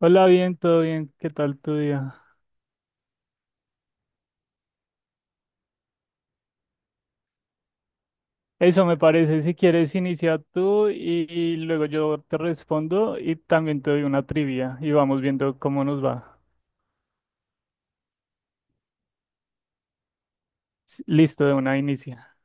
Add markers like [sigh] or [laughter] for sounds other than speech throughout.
Hola, bien, todo bien. ¿Qué tal tu día? Eso me parece. Si quieres, inicia tú y luego yo te respondo y también te doy una trivia y vamos viendo cómo nos va. Listo, de una inicia.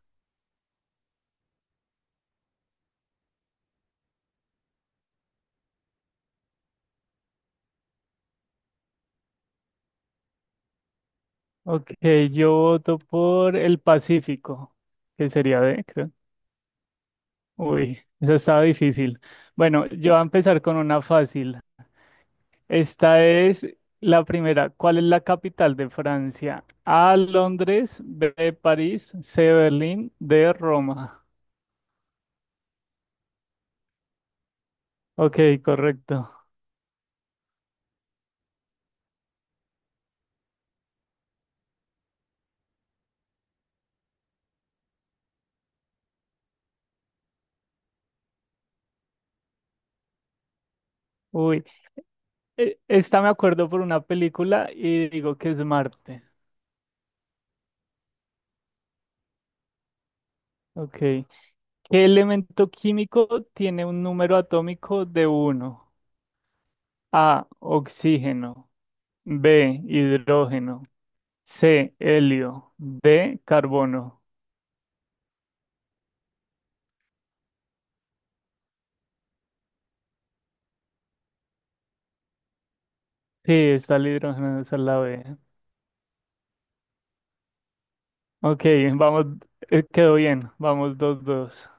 Ok, yo voto por el Pacífico, que sería de, creo. Uy, esa estaba difícil. Bueno, yo voy a empezar con una fácil. Esta es la primera. ¿Cuál es la capital de Francia? A, Londres, B, París, C, Berlín, D, Roma. Ok, correcto. Uy, esta me acuerdo por una película y digo que es Marte. Ok. ¿Qué elemento químico tiene un número atómico de uno? A, oxígeno. B, hidrógeno. C, helio. D, carbono. Sí, está el hidrógeno, esa es la B. Ok, vamos, quedó bien. Vamos, 2-2.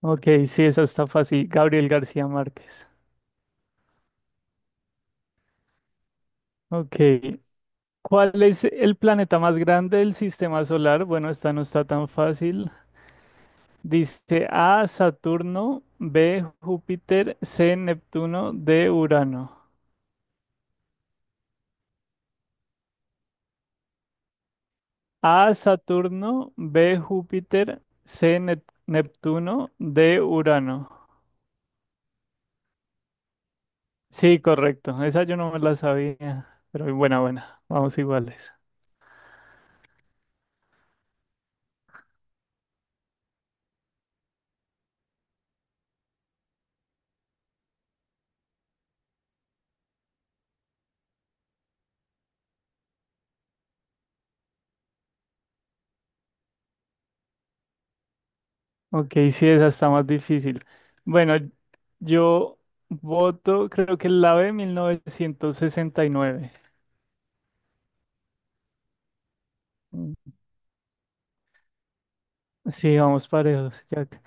Ok, sí, esa está fácil. Gabriel García Márquez. Ok. ¿Cuál es el planeta más grande del sistema solar? Bueno, esta no está tan fácil. Dice A, Saturno, B, Júpiter, C, Neptuno, D, Urano. A, Saturno, B, Júpiter, C, Neptuno, D, Urano. Sí, correcto. Esa yo no me la sabía, pero buena, buena. Vamos iguales. Ok, sí, esa está más difícil. Bueno, yo voto, creo que la B, 1969. Sí, vamos parejos, Jack.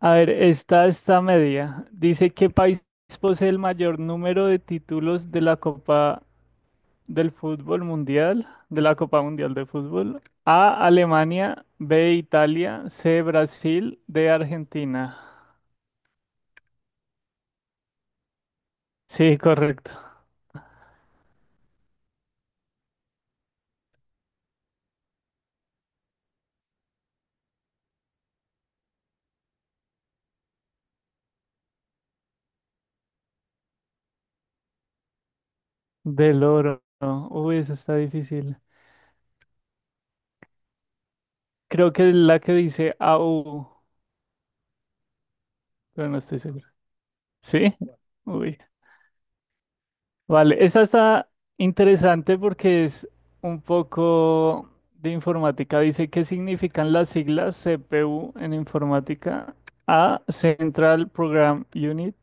A ver, esta está media. Dice, ¿qué país posee el mayor número de títulos de la Copa del Fútbol Mundial? De la Copa Mundial de Fútbol. A, Alemania, B, Italia, C, Brasil, D, Argentina. Sí, correcto. Del oro. Uy, esa está difícil. Creo que es la que dice AU, pero no estoy seguro. ¿Sí? Uy. Vale, esa está interesante porque es un poco de informática. Dice, ¿qué significan las siglas CPU en informática? A, Central Program Unit.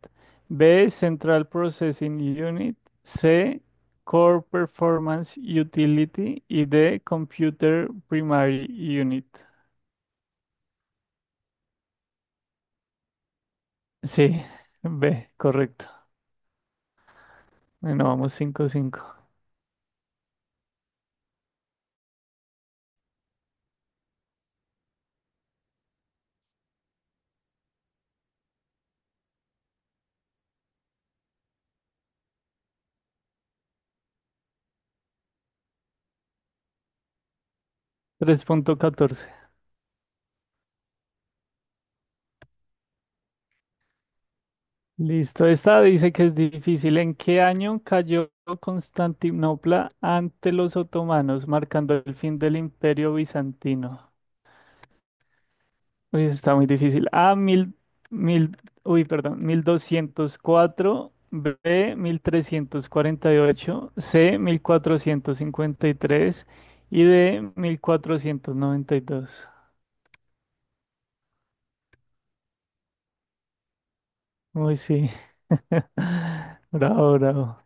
B, Central Processing Unit. C, Core Performance Utility. Y D, Computer Primary Unit. Sí, [laughs] B, correcto. Bueno, vamos 5-5 3,14. Listo, esta dice que es difícil. ¿En qué año cayó Constantinopla ante los otomanos, marcando el fin del Imperio Bizantino? Uy, eso está muy difícil. A, mil, 1204. B, 1348. C, 1453. Y D, 1492. Uy, sí. [laughs] Bravo, bravo.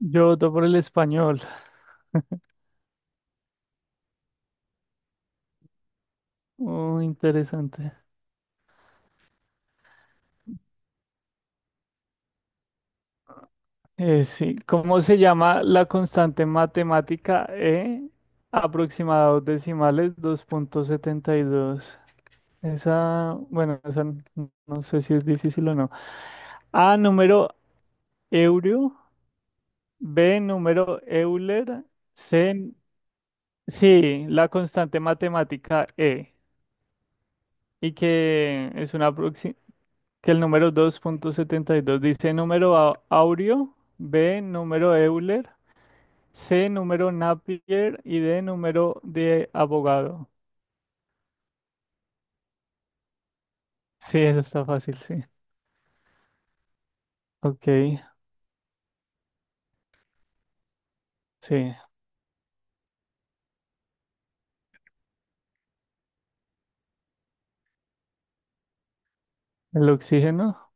Yo voto por el español. Muy interesante. Sí, ¿cómo se llama la constante matemática E? Aproximados decimales 2,72. Esa, bueno, esa no sé si es difícil o no. A, número Eurio. B, número Euler. C, sí, la constante matemática E. Y que es una que el número 2,72 dice número Aurio, B, número Euler. C, número Napier y D, número de abogado. Sí, eso está fácil, sí. Ok, sí. El oxígeno.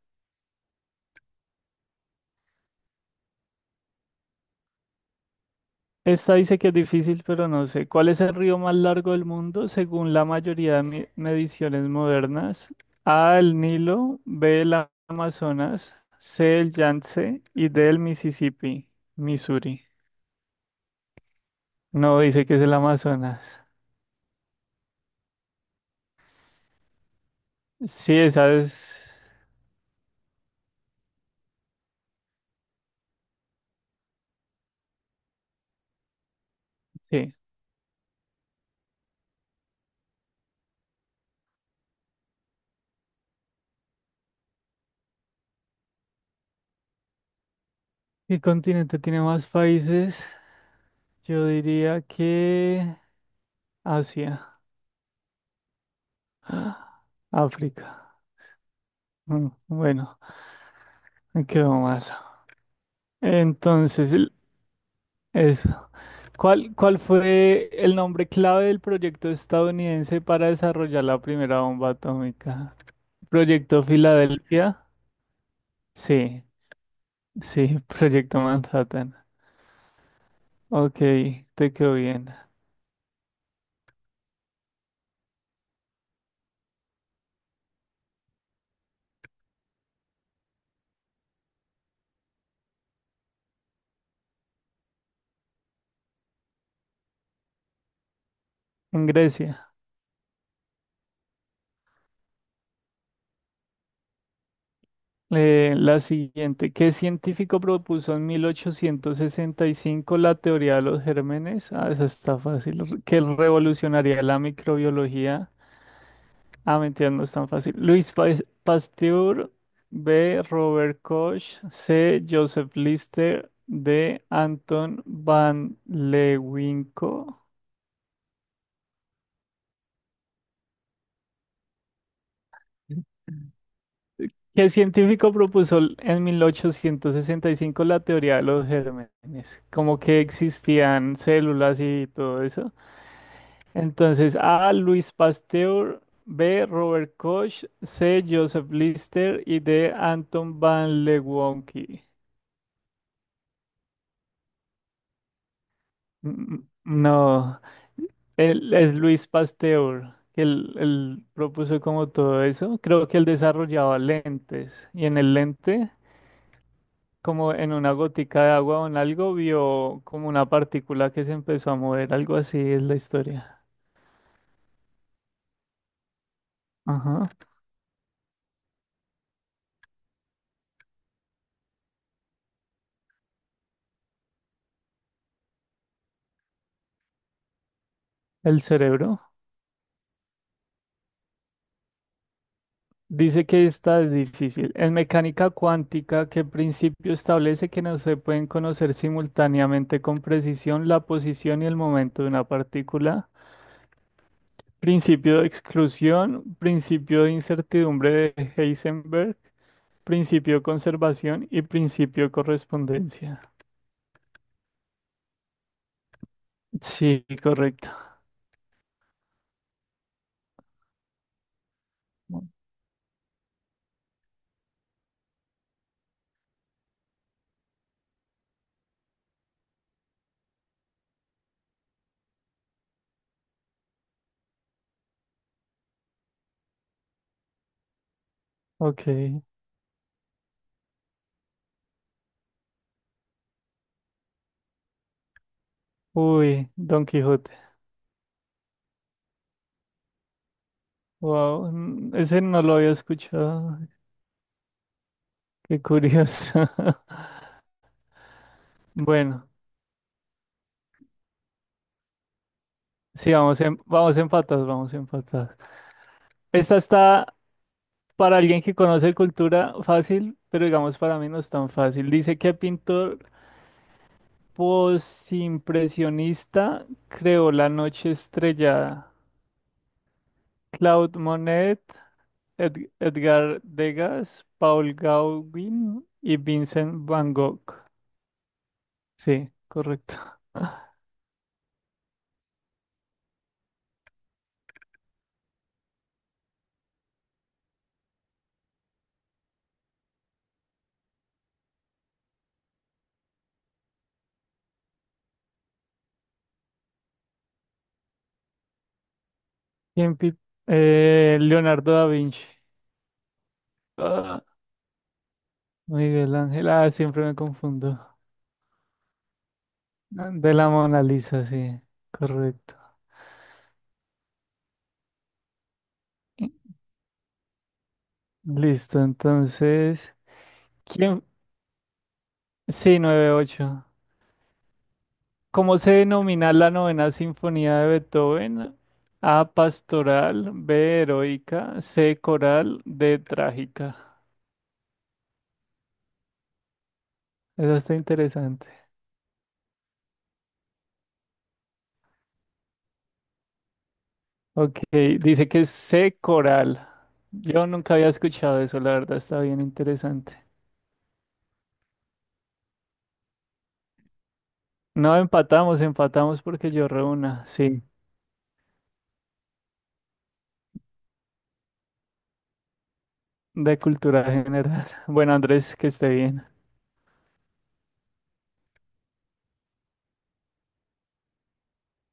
Esta dice que es difícil, pero no sé. ¿Cuál es el río más largo del mundo según la mayoría de mediciones modernas? A, el Nilo, B, el Amazonas, C, el Yangtze y D, el Mississippi, Missouri. No, dice que es el Amazonas. Sí, esa es. Sí. ¿Qué continente tiene más países? Yo diría que Asia, [gasps] África. Mm. Bueno, me quedo más. Entonces, eso. ¿Cuál fue el nombre clave del proyecto estadounidense para desarrollar la primera bomba atómica? ¿Proyecto Filadelfia? Sí, sí, [laughs] Proyecto Manhattan. Ok, te quedó bien. En Grecia. La siguiente, ¿qué científico propuso en 1865 la teoría de los gérmenes? Ah, esa está fácil, que revolucionaría la microbiología. Ah, mentira, no es tan fácil. Luis Pasteur, B. Robert Koch, C. Joseph Lister, D. Anton van Leeuwenhoek. ¿Qué científico propuso en 1865 la teoría de los gérmenes? Como que existían células y todo eso. Entonces, A. Luis Pasteur, B. Robert Koch, C. Joseph Lister y D. Anton van Leeuwenhoek. Mm. No, él es Luis Pasteur, que él propuso como todo eso. Creo que él desarrollaba lentes y en el lente como en una gotica de agua o en algo, vio como una partícula que se empezó a mover, algo así es la historia. Ajá. El cerebro. Dice que está difícil. En mecánica cuántica, ¿qué principio establece que no se pueden conocer simultáneamente con precisión la posición y el momento de una partícula? Principio de exclusión, principio de incertidumbre de Heisenberg, principio de conservación y principio de correspondencia. Sí, correcto. Ok. Uy, Don Quijote. Wow, ese no lo había escuchado. Qué curioso. [laughs] Bueno, sí, vamos vamos empatados, vamos empatados. Esta está para alguien que conoce cultura fácil, pero digamos para mí no es tan fácil. Dice que pintor posimpresionista creó La Noche Estrellada. Claude Monet, Edgar Degas, Paul Gauguin y Vincent Van Gogh. Sí, correcto. ¿Quién pi- Leonardo da Vinci. Ah, Miguel Ángel. Ah, siempre me confundo. Ah, de la Mona Lisa, sí. Correcto. Y- Listo, entonces. ¿Quién? Sí, 9-8. ¿Cómo se denomina la novena sinfonía de Beethoven? A, pastoral, B, heroica, C, coral, D, trágica. Eso está interesante. Ok, dice que es C, coral. Yo nunca había escuchado eso, la verdad está bien interesante. No, empatamos, empatamos porque yo reúna, sí, de cultura general. [laughs] Bueno, Andrés, que esté bien.